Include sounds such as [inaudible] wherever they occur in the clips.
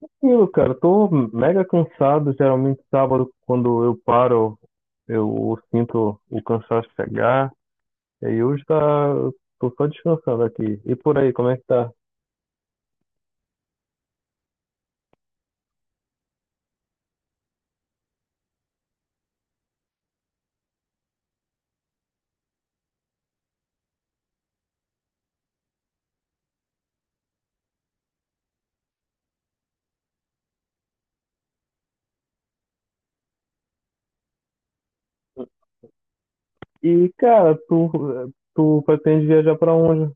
Tranquilo, cara. Tô mega cansado. Geralmente sábado, quando eu paro, eu sinto o cansaço chegar. E aí hoje tá, tô só descansando aqui. E por aí, como é que tá? E cara, tu pretende viajar pra onde?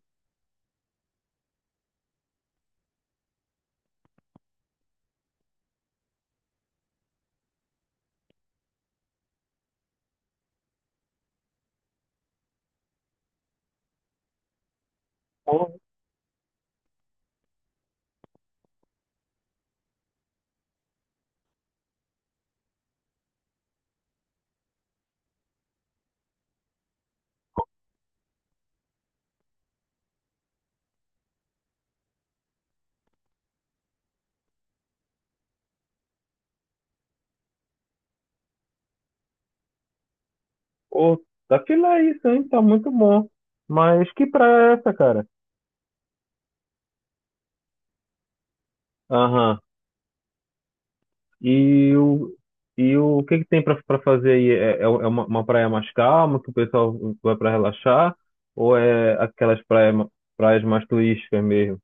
Pô, pô, tá fila isso, hein? Tá muito bom. Mas que praia é essa, cara? Aham. E o, e o que que tem pra fazer aí? Uma praia mais calma, que o pessoal vai pra relaxar? Ou é praias mais turísticas mesmo?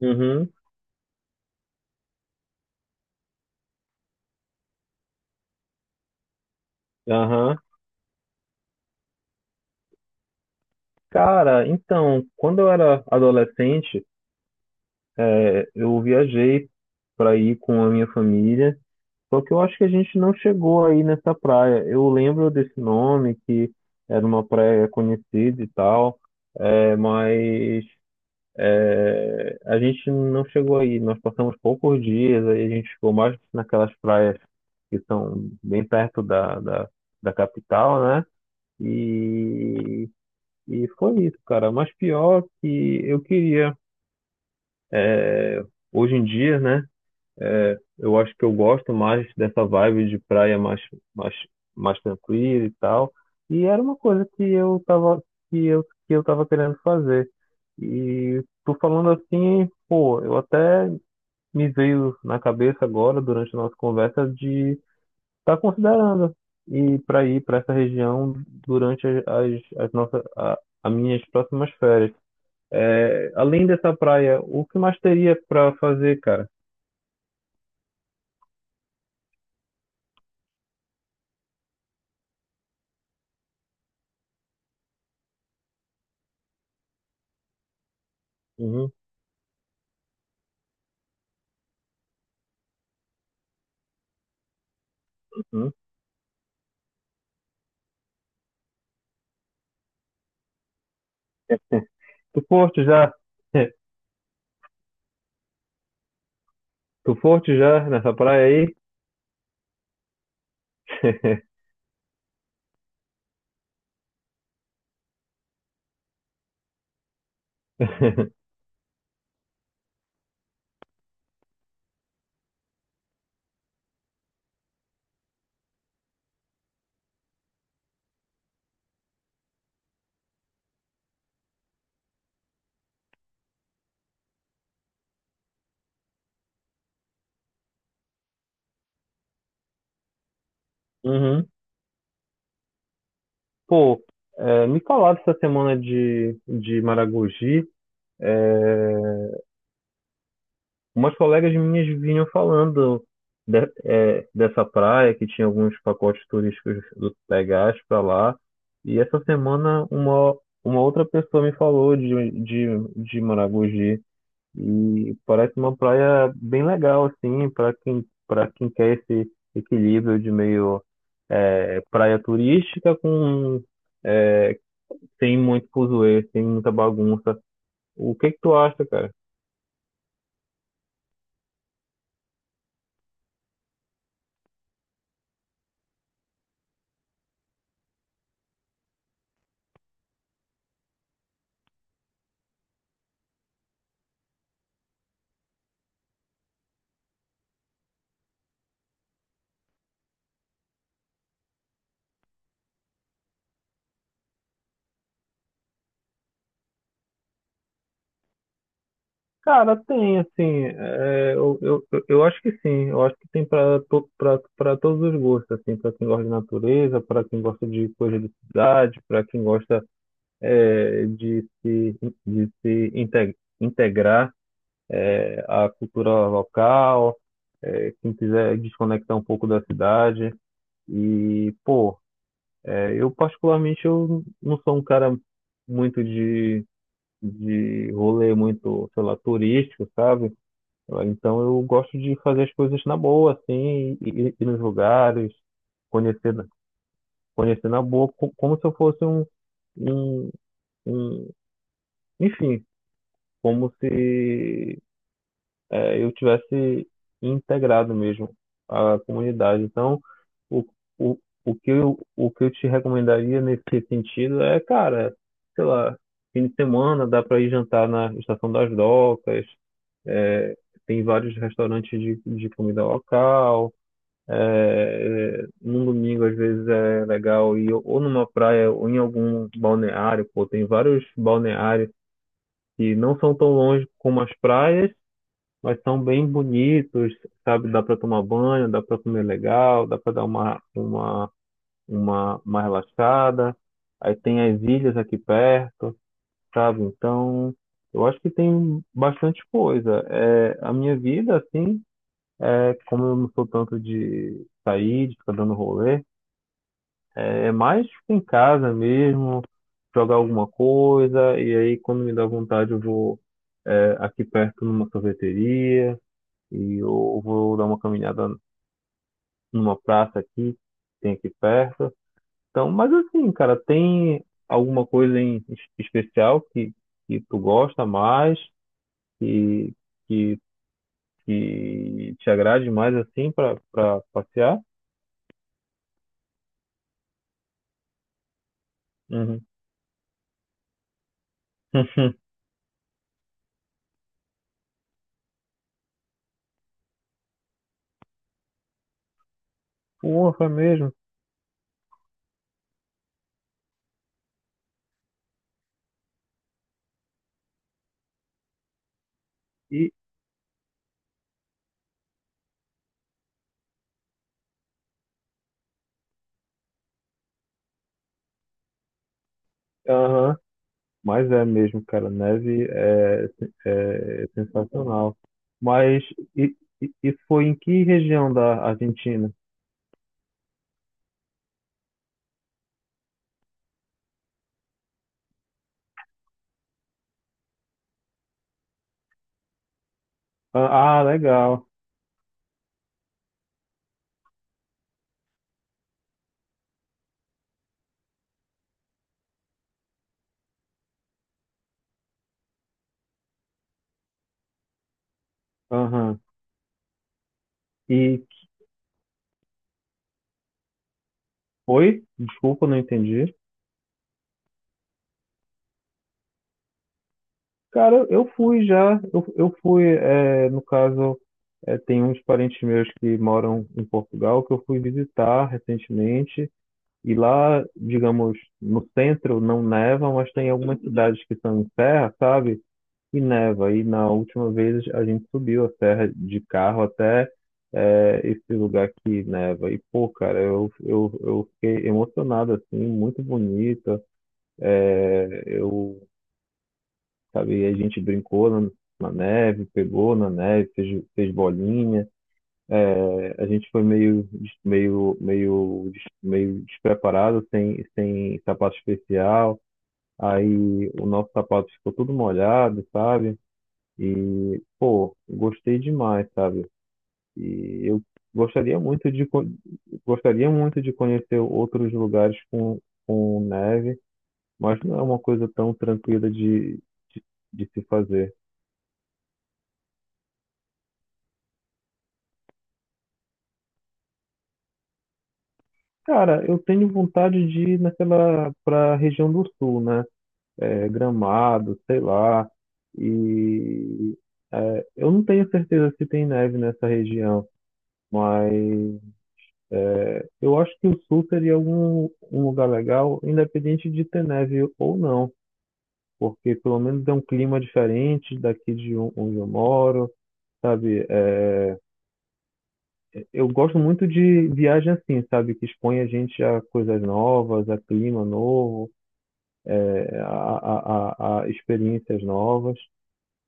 Uhum. Aham. Cara, então, quando eu era adolescente, eu viajei pra ir com a minha família, só que eu acho que a gente não chegou aí nessa praia. Eu lembro desse nome, que era uma praia conhecida e tal, mas é, a gente não chegou aí, nós passamos poucos dias, aí a gente ficou mais naquelas praias que são bem perto da capital, né? E, e foi isso, cara. Mas pior que eu queria, é, hoje em dia, né? É, eu acho que eu gosto mais dessa vibe de praia mais, mais tranquila e tal. E era uma coisa que eu tava, que eu tava querendo fazer. E tô falando assim, pô, eu até me veio na cabeça agora, durante a nossa conversa, de estar tá considerando ir para essa região durante as minhas próximas férias. É, além dessa praia, o que mais teria para fazer, cara? Uhum. Uhum. Tu foste já? [laughs] Tu foste já nessa praia aí? [laughs] Uhum. Pô, é, me falaram essa semana de Maragogi, é, umas colegas minhas vinham falando é, dessa praia, que tinha alguns pacotes turísticos do Pegás pra lá. E essa semana uma outra pessoa me falou de Maragogi. E parece uma praia bem legal, assim, para quem quer esse equilíbrio de meio é, praia turística com é, sem muito fuzuê, sem muita bagunça. O que que tu acha, cara? Cara, tem, assim, eu acho que sim, eu acho que tem para todos os gostos, assim, para quem gosta de natureza, para quem gosta de coisa de cidade, para quem gosta é, de se integrar a cultura local, é, quem quiser desconectar um pouco da cidade. E, pô, é, eu particularmente eu não sou um cara muito de rolê muito, sei lá, turístico, sabe? Então eu gosto de fazer as coisas na boa, assim, ir nos lugares, conhecer, conhecer na boa, como se eu fosse um, um, enfim, como se é, eu tivesse integrado mesmo a comunidade. Então, o, o, o que eu te recomendaria nesse sentido é, cara, sei lá, fim de semana dá para ir jantar na Estação das Docas, é, tem vários restaurantes de comida local. É, num domingo, às vezes, é legal ir ou numa praia ou em algum balneário. Pô, tem vários balneários que não são tão longe como as praias, mas são bem bonitos, sabe? Dá para tomar banho, dá para comer legal, dá para dar uma relaxada. Aí tem as ilhas aqui perto, sabe? Então, eu acho que tem bastante coisa. É, a minha vida, assim, é que como eu não sou tanto de sair, de ficar dando rolê, é é mais ficar em casa mesmo, jogar alguma coisa, e aí quando me dá vontade eu vou, é, aqui perto numa sorveteria e eu vou dar uma caminhada numa praça aqui, tem aqui perto. Então, mas assim, cara, tem alguma coisa em especial que tu gosta mais, que, que, que te agrade mais assim para passear? Uhum. [laughs] Porra, é mesmo. E, aham, mas é mesmo, cara, neve é, é é sensacional. Mas e, isso foi em que região da Argentina? Ah, ah, legal. Aham. E foi? Desculpa, não entendi. Cara, eu fui já. Eu fui, é, no caso, é, tem uns parentes meus que moram em Portugal que eu fui visitar recentemente. E lá, digamos, no centro não neva, mas tem algumas cidades que são em serra, sabe? E neva. E na última vez a gente subiu a serra de carro até é, esse lugar que neva. E, pô, cara, eu fiquei emocionado, assim, muito bonita. É, eu sabe? E a gente brincou na neve, pegou na neve, fez bolinha. É, a gente foi meio, meio despreparado, sem sapato especial. Aí o nosso sapato ficou todo molhado, sabe? E, pô, gostei demais, sabe? E eu gostaria muito gostaria muito de conhecer outros lugares com neve, mas não é uma coisa tão tranquila de, de se fazer. Cara, eu tenho vontade de ir naquela para região do sul, né? É, Gramado, sei lá. E é, eu não tenho certeza se tem neve nessa região, mas eu acho que o sul seria algum um lugar legal, independente de ter neve ou não, porque pelo menos é um clima diferente daqui de onde eu moro, sabe? É, eu gosto muito de viagem assim, sabe? Que expõe a gente a coisas novas, a clima novo. É, a experiências novas.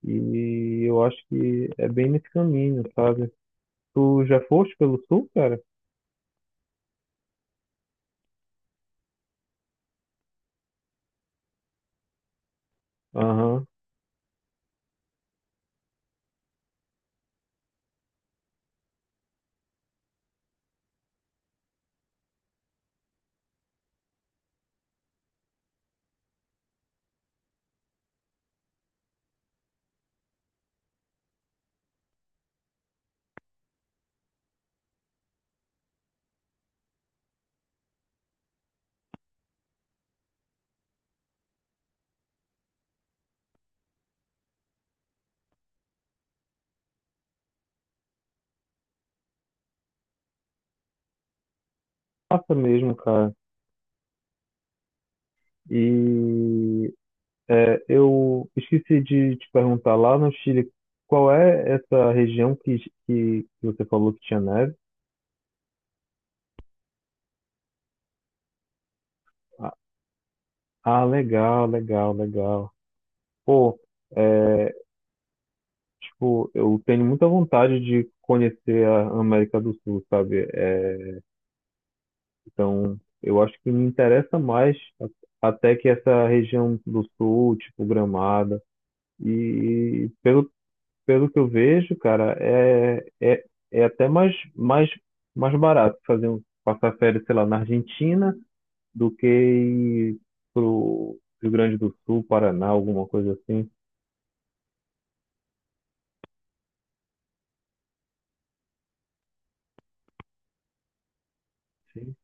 E eu acho que é bem nesse caminho, sabe? Tu já foste pelo sul, cara? Aham. Passa mesmo, cara. E é, eu esqueci de te perguntar lá no Chile, qual é essa região que você falou que tinha neve? Ah, ah, legal, legal, legal. Pô, é, tipo, eu tenho muita vontade de conhecer a América do Sul, sabe? É, então, eu acho que me interessa mais até que essa região do sul, tipo Gramado. E pelo que eu vejo, cara, é, é, é até mais barato fazer um, passar férias, sei lá, na Argentina do que ir pro Rio Grande do Sul, Paraná, alguma coisa assim. Sim.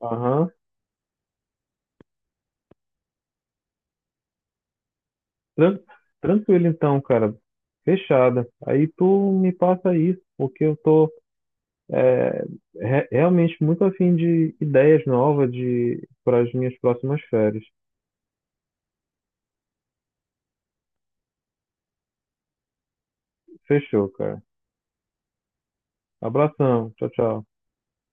Aham. Tran- Tranquilo então, cara. Fechada. Aí tu me passa isso, porque eu tô é, realmente muito afim de ideias novas de para as minhas próximas férias. Fechou, cara. Abração. Tchau, tchau.